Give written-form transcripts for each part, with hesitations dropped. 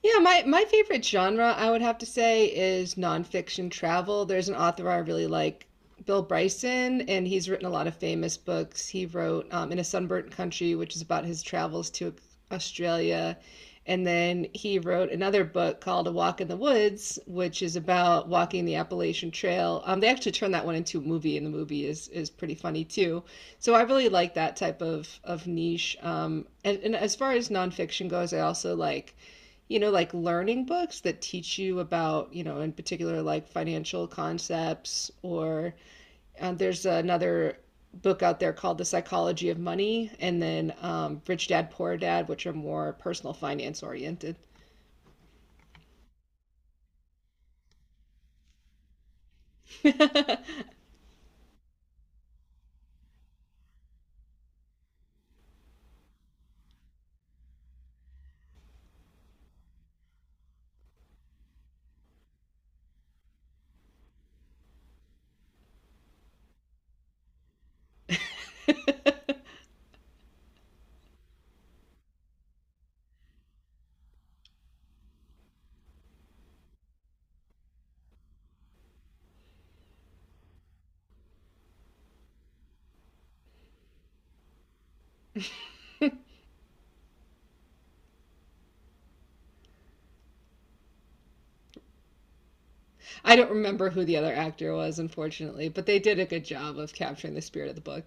Yeah, my favorite genre, I would have to say, is nonfiction travel. There's an author I really like, Bill Bryson, and he's written a lot of famous books. He wrote In a Sunburnt Country, which is about his travels to Australia. And then he wrote another book called A Walk in the Woods, which is about walking the Appalachian Trail. They actually turned that one into a movie, and the movie is pretty funny too. So I really like that type of niche. And as far as nonfiction goes, I also like like learning books that teach you about, you know, in particular, like financial concepts, or there's another book out there called The Psychology of Money, and then Rich Dad Poor Dad, which are more personal finance oriented. I don't remember who the other actor was, unfortunately, but they did a good job of capturing the spirit of the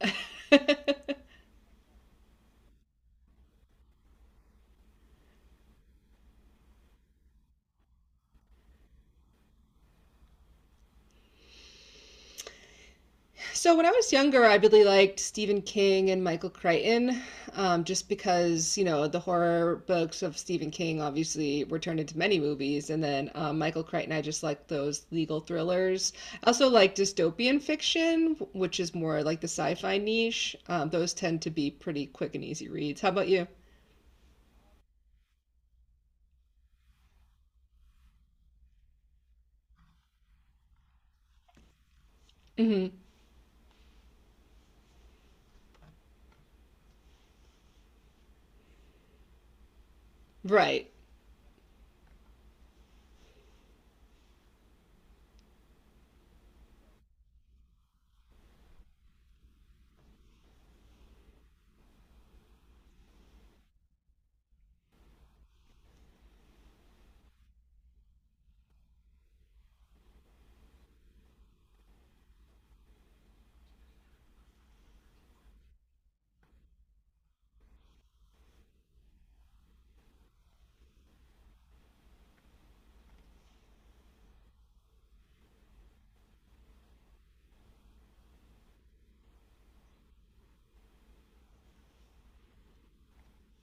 book. So when I was younger, I really liked Stephen King and Michael Crichton, just because, you know, the horror books of Stephen King obviously were turned into many movies, and then Michael Crichton, I just like those legal thrillers. I also like dystopian fiction, which is more like the sci-fi niche. Those tend to be pretty quick and easy reads. How about you? Hmm. Right.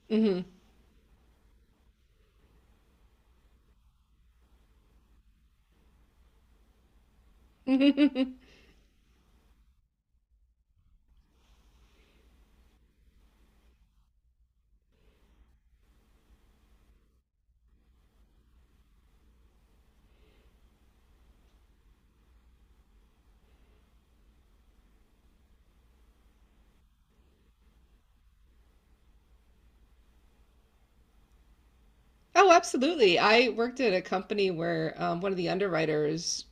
Hmm. Oh, absolutely. I worked at a company where one of the underwriters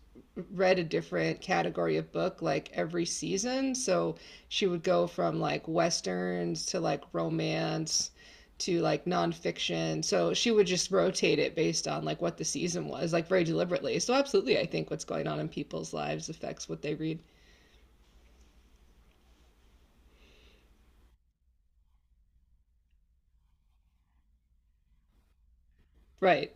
read a different category of book like every season. So she would go from like westerns to like romance to like nonfiction. So she would just rotate it based on like what the season was, like very deliberately. So absolutely, I think what's going on in people's lives affects what they read. Right.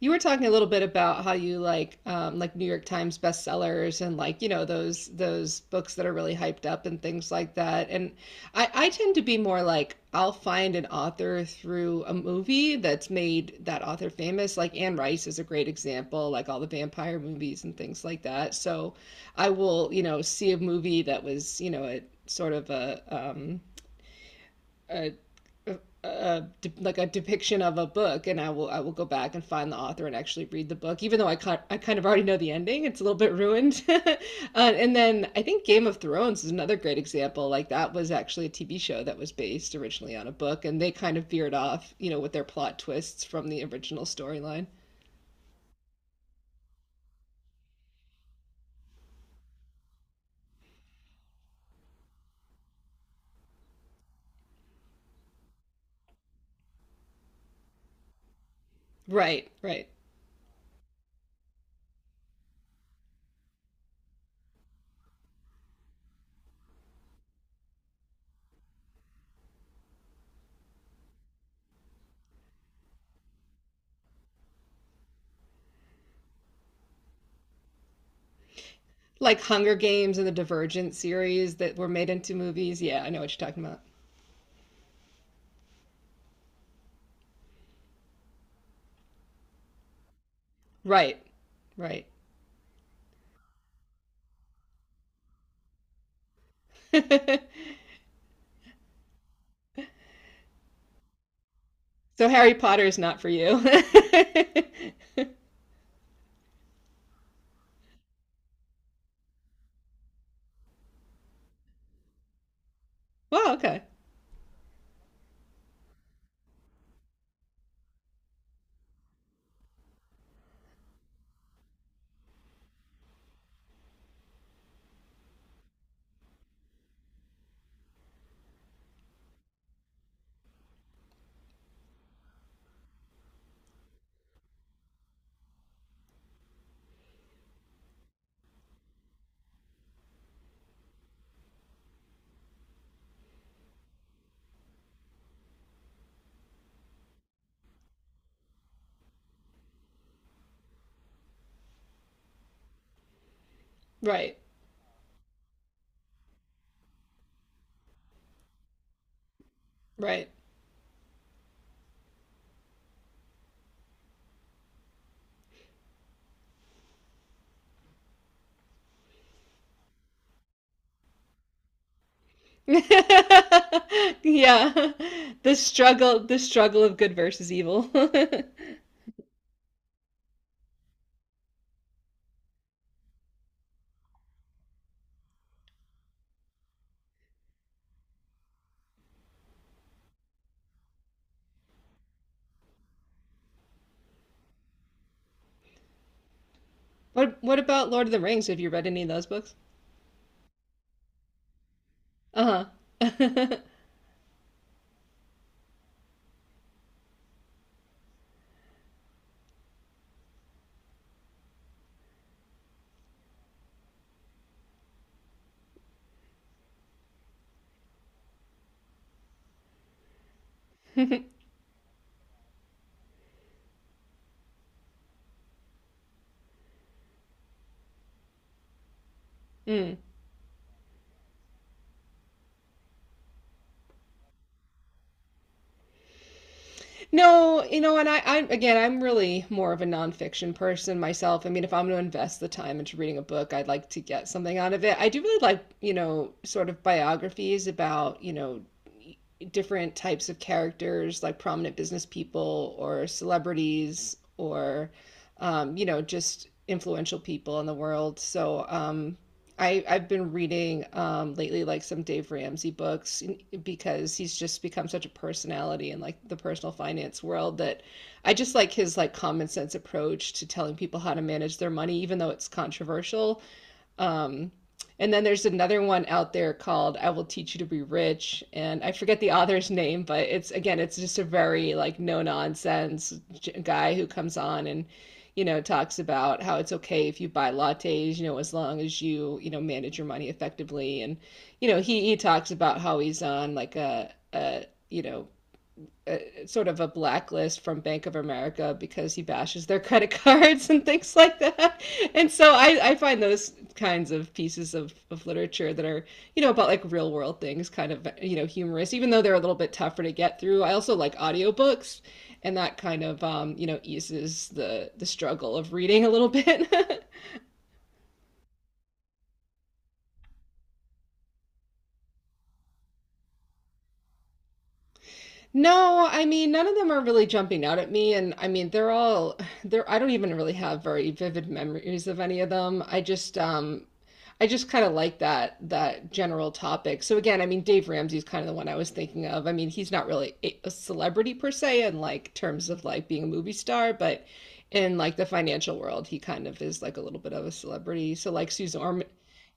You were talking a little bit about how you like New York Times bestsellers and like you know those books that are really hyped up and things like that. And I tend to be more like I'll find an author through a movie that's made that author famous. Like Anne Rice is a great example, like all the vampire movies and things like that. So I will, you know, see a movie that was, you know, a sort of a a a like a depiction of a book, and I will go back and find the author and actually read the book, even though I kind of already know the ending. It's a little bit ruined. And then I think Game of Thrones is another great example. Like that was actually a TV show that was based originally on a book, and they kind of veered off, you know, with their plot twists from the original storyline. Right, right. Like Hunger Games and the Divergent series that were made into movies, yeah, I know what you're talking about. Right, right. So Harry Potter is not for you. Well, okay. Right. Right. Yeah. The struggle of good versus evil. What about Lord of the Rings? Have you read any of those books? Uh-huh. Mm. No, you know, and I again, I'm really more of a nonfiction person myself. I mean, if I'm going to invest the time into reading a book, I'd like to get something out of it. I do really like, you know, sort of biographies about, you know, different types of characters, like prominent business people or celebrities or, you know, just influential people in the world. So, I've been reading lately like some Dave Ramsey books, because he's just become such a personality in like the personal finance world that I just like his like common sense approach to telling people how to manage their money, even though it's controversial. um, and then there's another one out there called I Will Teach You to Be Rich. And I forget the author's name, but it's again, it's just a very like no nonsense guy who comes on and, you know, talks about how it's okay if you buy lattes, you know, as long as you, you know, manage your money effectively. And, you know, he talks about how he's on like you know, sort of a blacklist from Bank of America because he bashes their credit cards and things like that. And so I find those kinds of pieces of literature that are, you know, about like real world things, kind of, you know, humorous, even though they're a little bit tougher to get through. I also like audiobooks, and that kind of, you know, eases the struggle of reading a little bit. No, I mean, none of them are really jumping out at me. And I mean, they're all they're I don't even really have very vivid memories of any of them. I just kind of like that general topic. So again, I mean, Dave Ramsey's kind of the one I was thinking of. I mean, he's not really a celebrity per se in like terms of like being a movie star, but in like the financial world, he kind of is like a little bit of a celebrity. So like Suze Orman,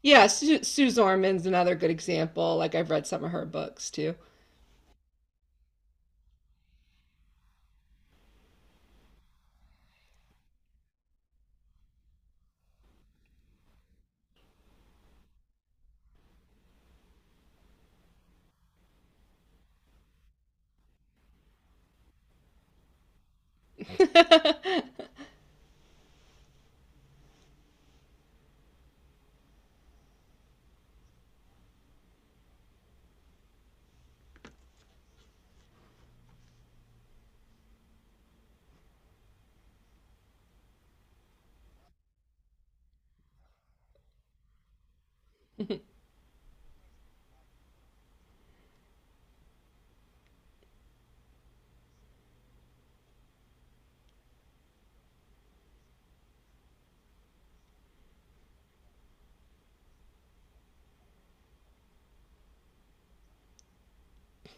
yeah, Su Suze Orman's another good example. Like I've read some of her books too.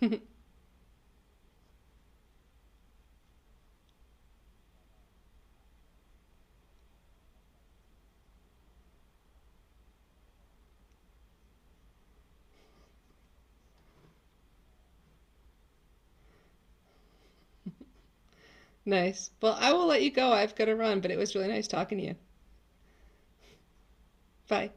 Nice. Well, I will let you go. I've got to run, but it was really nice talking to you. Bye.